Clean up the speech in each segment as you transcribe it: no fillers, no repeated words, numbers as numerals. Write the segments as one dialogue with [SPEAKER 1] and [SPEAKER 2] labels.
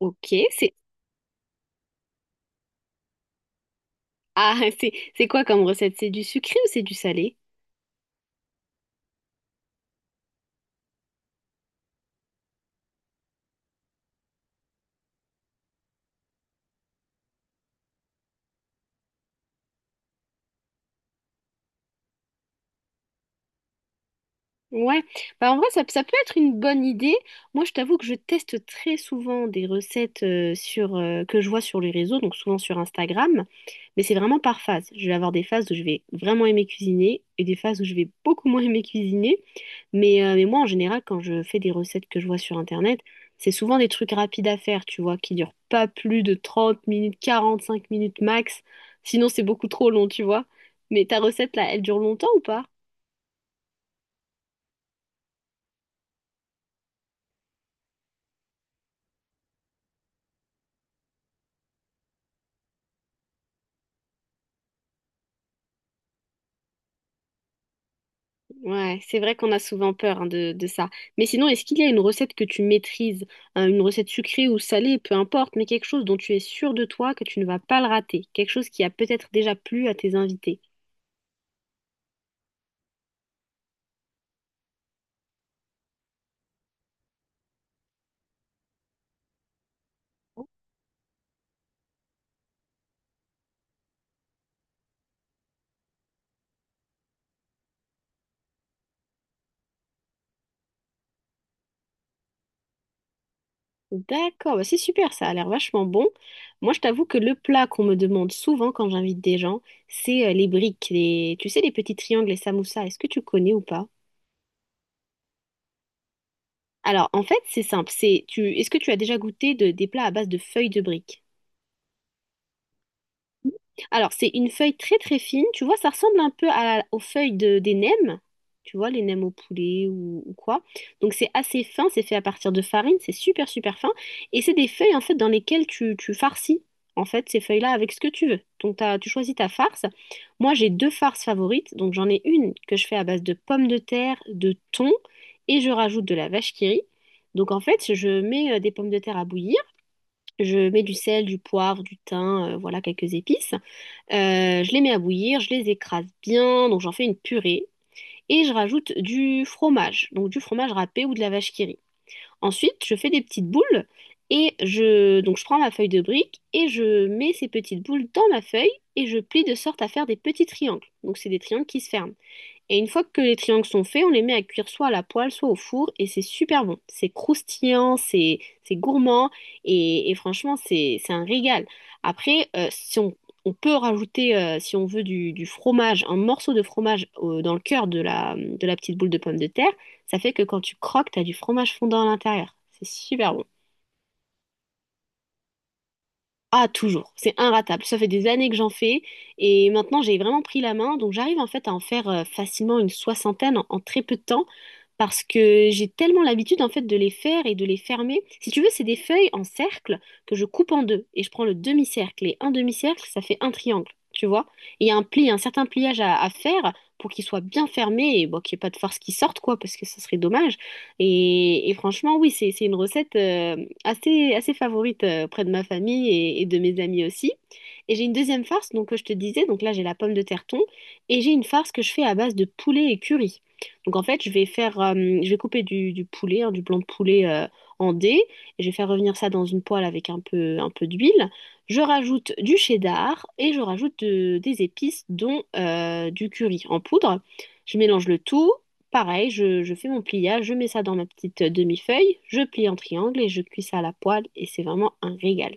[SPEAKER 1] Ok. C'est quoi comme recette? C'est du sucré ou c'est du salé? Ouais, bah en vrai ça, ça peut être une bonne idée. Moi je t'avoue que je teste très souvent des recettes sur que je vois sur les réseaux, donc souvent sur Instagram. Mais c'est vraiment par phase. Je vais avoir des phases où je vais vraiment aimer cuisiner et des phases où je vais beaucoup moins aimer cuisiner. Mais moi, en général, quand je fais des recettes que je vois sur Internet, c'est souvent des trucs rapides à faire, tu vois, qui durent pas plus de 30 minutes, 45 minutes max. Sinon, c'est beaucoup trop long, tu vois. Mais ta recette, là, elle dure longtemps ou pas? Ouais, c'est vrai qu'on a souvent peur hein, de ça. Mais sinon, est-ce qu'il y a une recette que tu maîtrises, hein, une recette sucrée ou salée, peu importe, mais quelque chose dont tu es sûr de toi que tu ne vas pas le rater, quelque chose qui a peut-être déjà plu à tes invités? D'accord, bah c'est super, ça a l'air vachement bon. Moi, je t'avoue que le plat qu'on me demande souvent quand j'invite des gens, c'est les briques, tu sais, les petits triangles, les samoussas. Est-ce que tu connais ou pas? Alors, en fait, c'est simple. Est-ce que tu as déjà goûté des plats à base de feuilles de briques? Alors, c'est une feuille très très fine. Tu vois, ça ressemble un peu aux feuilles des nems. Tu vois, les nems au poulet ou quoi. Donc, c'est assez fin. C'est fait à partir de farine. C'est super super fin. Et c'est des feuilles en fait dans lesquelles tu farcis en fait ces feuilles-là avec ce que tu veux. Donc, tu choisis ta farce. Moi, j'ai deux farces favorites. Donc, j'en ai une que je fais à base de pommes de terre, de thon et je rajoute de la vache qui rit. Donc, en fait, je mets des pommes de terre à bouillir. Je mets du sel, du poivre, du thym, voilà quelques épices. Je les mets à bouillir, je les écrase bien, donc j'en fais une purée. Et je rajoute du fromage, donc du fromage râpé ou de la vache qui rit. Ensuite, je fais des petites boules et donc je prends ma feuille de brique et je mets ces petites boules dans ma feuille et je plie de sorte à faire des petits triangles. Donc c'est des triangles qui se ferment. Et une fois que les triangles sont faits, on les met à cuire soit à la poêle, soit au four, et c'est super bon. C'est croustillant, c'est gourmand, et franchement, c'est un régal. Après, si on peut rajouter, si on veut, du fromage, un morceau de fromage dans le cœur de la petite boule de pomme de terre, ça fait que quand tu croques, t'as du fromage fondant à l'intérieur. C'est super bon. Ah, toujours. C'est inratable. Ça fait des années que j'en fais et maintenant j'ai vraiment pris la main. Donc j'arrive en fait à en faire facilement une soixantaine en très peu de temps parce que j'ai tellement l'habitude en fait de les faire et de les fermer. Si tu veux, c'est des feuilles en cercle que je coupe en deux et je prends le demi-cercle et un demi-cercle, ça fait un triangle, tu vois. Et il y a un pli, un certain pliage à faire pour qu'il soit bien fermé et bon, qu'il n'y ait pas de force qui sorte quoi parce que ça serait dommage. Et franchement, oui, c'est une recette assez favorite auprès de ma famille et de mes amis aussi. Et j'ai une deuxième farce, donc que je te disais, donc là j'ai la pomme de terre thon, et j'ai une farce que je fais à base de poulet et curry. Donc en fait, je vais faire, je vais couper du poulet, hein, du blanc de poulet en dés, et je vais faire revenir ça dans une poêle avec un peu d'huile. Je rajoute du cheddar et je rajoute des épices, dont du curry en poudre. Je mélange le tout. Pareil, je fais mon pliage, je mets ça dans ma petite demi-feuille, je plie en triangle et je cuis ça à la poêle et c'est vraiment un régal.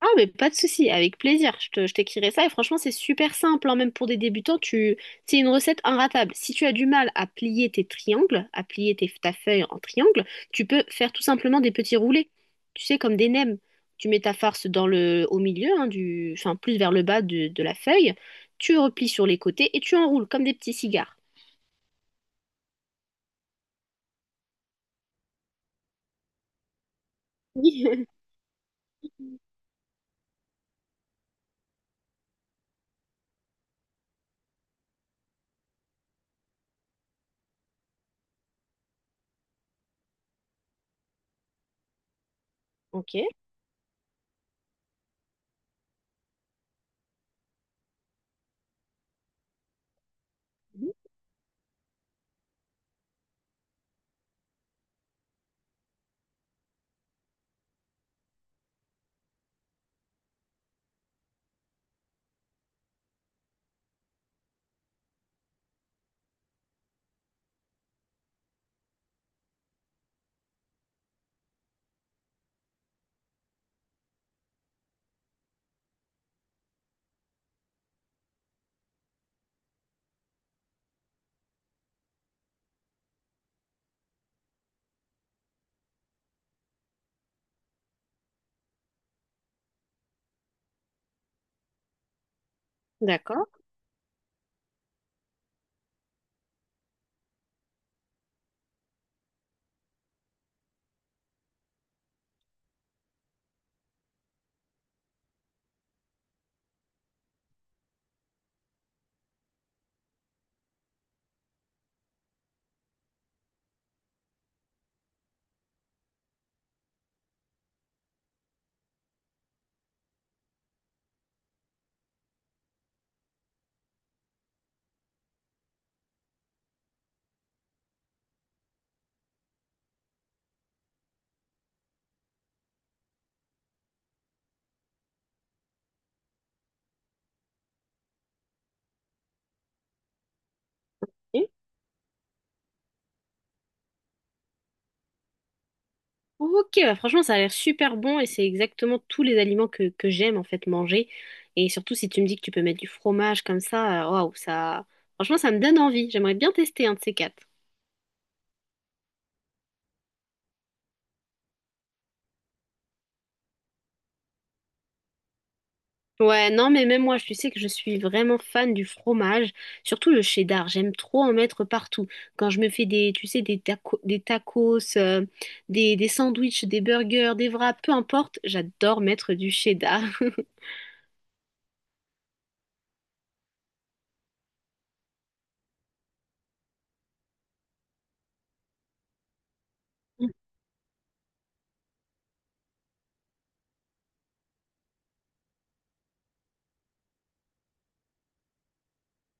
[SPEAKER 1] Ah mais pas de souci, avec plaisir, je t'écrirai ça et franchement c'est super simple, hein, même pour des débutants, tu... c'est une recette inratable. Si tu as du mal à plier tes triangles, à plier ta feuille en triangle, tu peux faire tout simplement des petits roulés, tu sais, comme des nems. Tu mets ta farce dans le, au milieu, hein, du, enfin plus vers le bas de la feuille, tu replies sur les côtés et tu enroules comme des petits cigares. Ok. D'accord. Ok, Ok, bah franchement, ça a l'air super bon et c'est exactement tous les aliments que j'aime en fait manger. Et surtout, si tu me dis que tu peux mettre du fromage comme ça, waouh, ça. Franchement, ça me donne envie. J'aimerais bien tester un de ces quatre. Ouais, non, mais même moi, tu sais que je suis vraiment fan du fromage, surtout le cheddar. J'aime trop en mettre partout. Quand je me fais des, tu sais, des tacos, des sandwichs, des burgers, des wraps, peu importe, j'adore mettre du cheddar.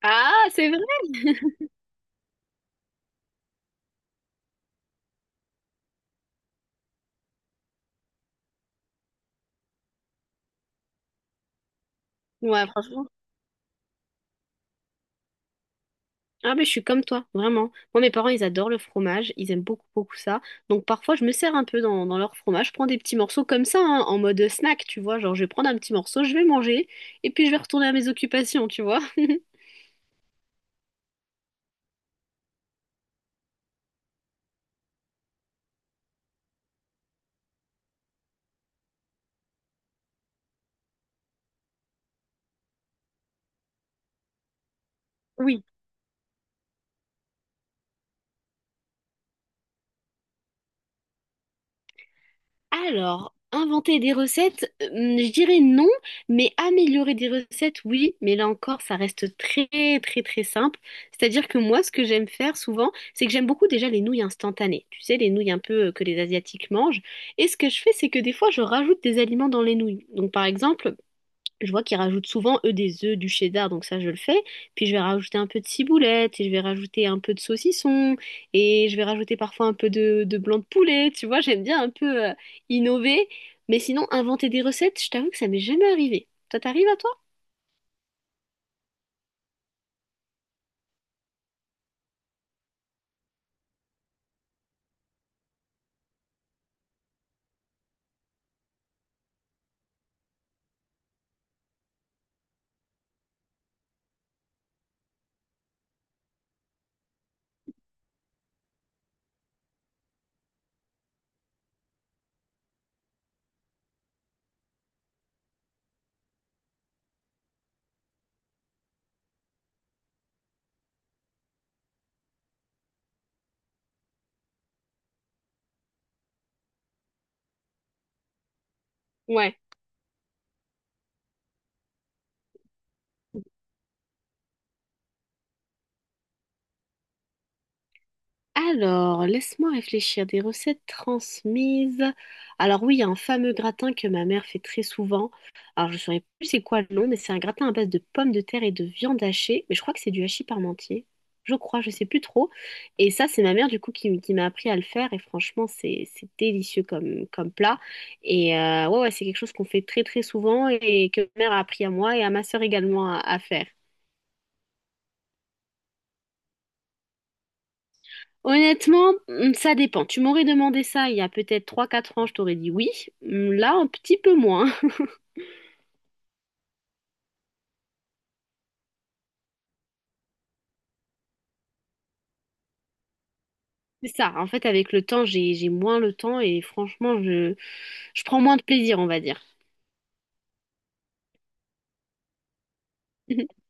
[SPEAKER 1] Ah, c'est vrai! Ouais, franchement. Ah ben je suis comme toi, vraiment. Moi mes parents ils adorent le fromage, ils aiment beaucoup beaucoup ça. Donc parfois je me sers un peu dans leur fromage, je prends des petits morceaux comme ça, hein, en mode snack, tu vois, genre je vais prendre un petit morceau, je vais manger, et puis je vais retourner à mes occupations, tu vois. Oui. Alors, inventer des recettes, je dirais non, mais améliorer des recettes, oui, mais là encore, ça reste très, très, très simple. C'est-à-dire que moi, ce que j'aime faire souvent, c'est que j'aime beaucoup déjà les nouilles instantanées. Tu sais, les nouilles un peu que les Asiatiques mangent. Et ce que je fais, c'est que des fois, je rajoute des aliments dans les nouilles. Donc, par exemple, je vois qu'ils rajoutent souvent, eux, des œufs, du cheddar, donc ça, je le fais. Puis je vais rajouter un peu de ciboulette, et je vais rajouter un peu de saucisson, et je vais rajouter parfois un peu de blanc de poulet, tu vois, j'aime bien un peu innover. Mais sinon, inventer des recettes, je t'avoue que ça m'est jamais arrivé. Ça t'arrive à toi? Ouais. Alors, laisse-moi réfléchir. Des recettes transmises. Alors oui, il y a un fameux gratin que ma mère fait très souvent. Alors, je ne saurais plus c'est quoi le nom, mais c'est un gratin à base de pommes de terre et de viande hachée. Mais je crois que c'est du hachis parmentier. Je crois, je sais plus trop. Et ça, c'est ma mère du coup qui m'a appris à le faire. Et franchement, c'est délicieux comme plat. Et ouais, ouais, c'est quelque chose qu'on fait très très souvent et que ma mère a appris à moi et à ma sœur également à faire. Honnêtement, ça dépend. Tu m'aurais demandé ça il y a peut-être 3 4 ans, je t'aurais dit oui. Là, un petit peu moins. C'est ça. En fait, avec le temps, j'ai moins le temps et franchement, je prends moins de plaisir, on va dire.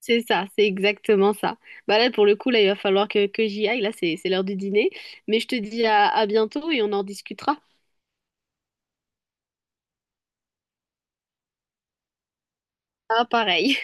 [SPEAKER 1] C'est, ça, c'est exactement ça. Bah là, pour le coup, là, il va falloir que j'y aille. Là, c'est l'heure du dîner. Mais je te dis à bientôt et on en discutera. Ah, pareil.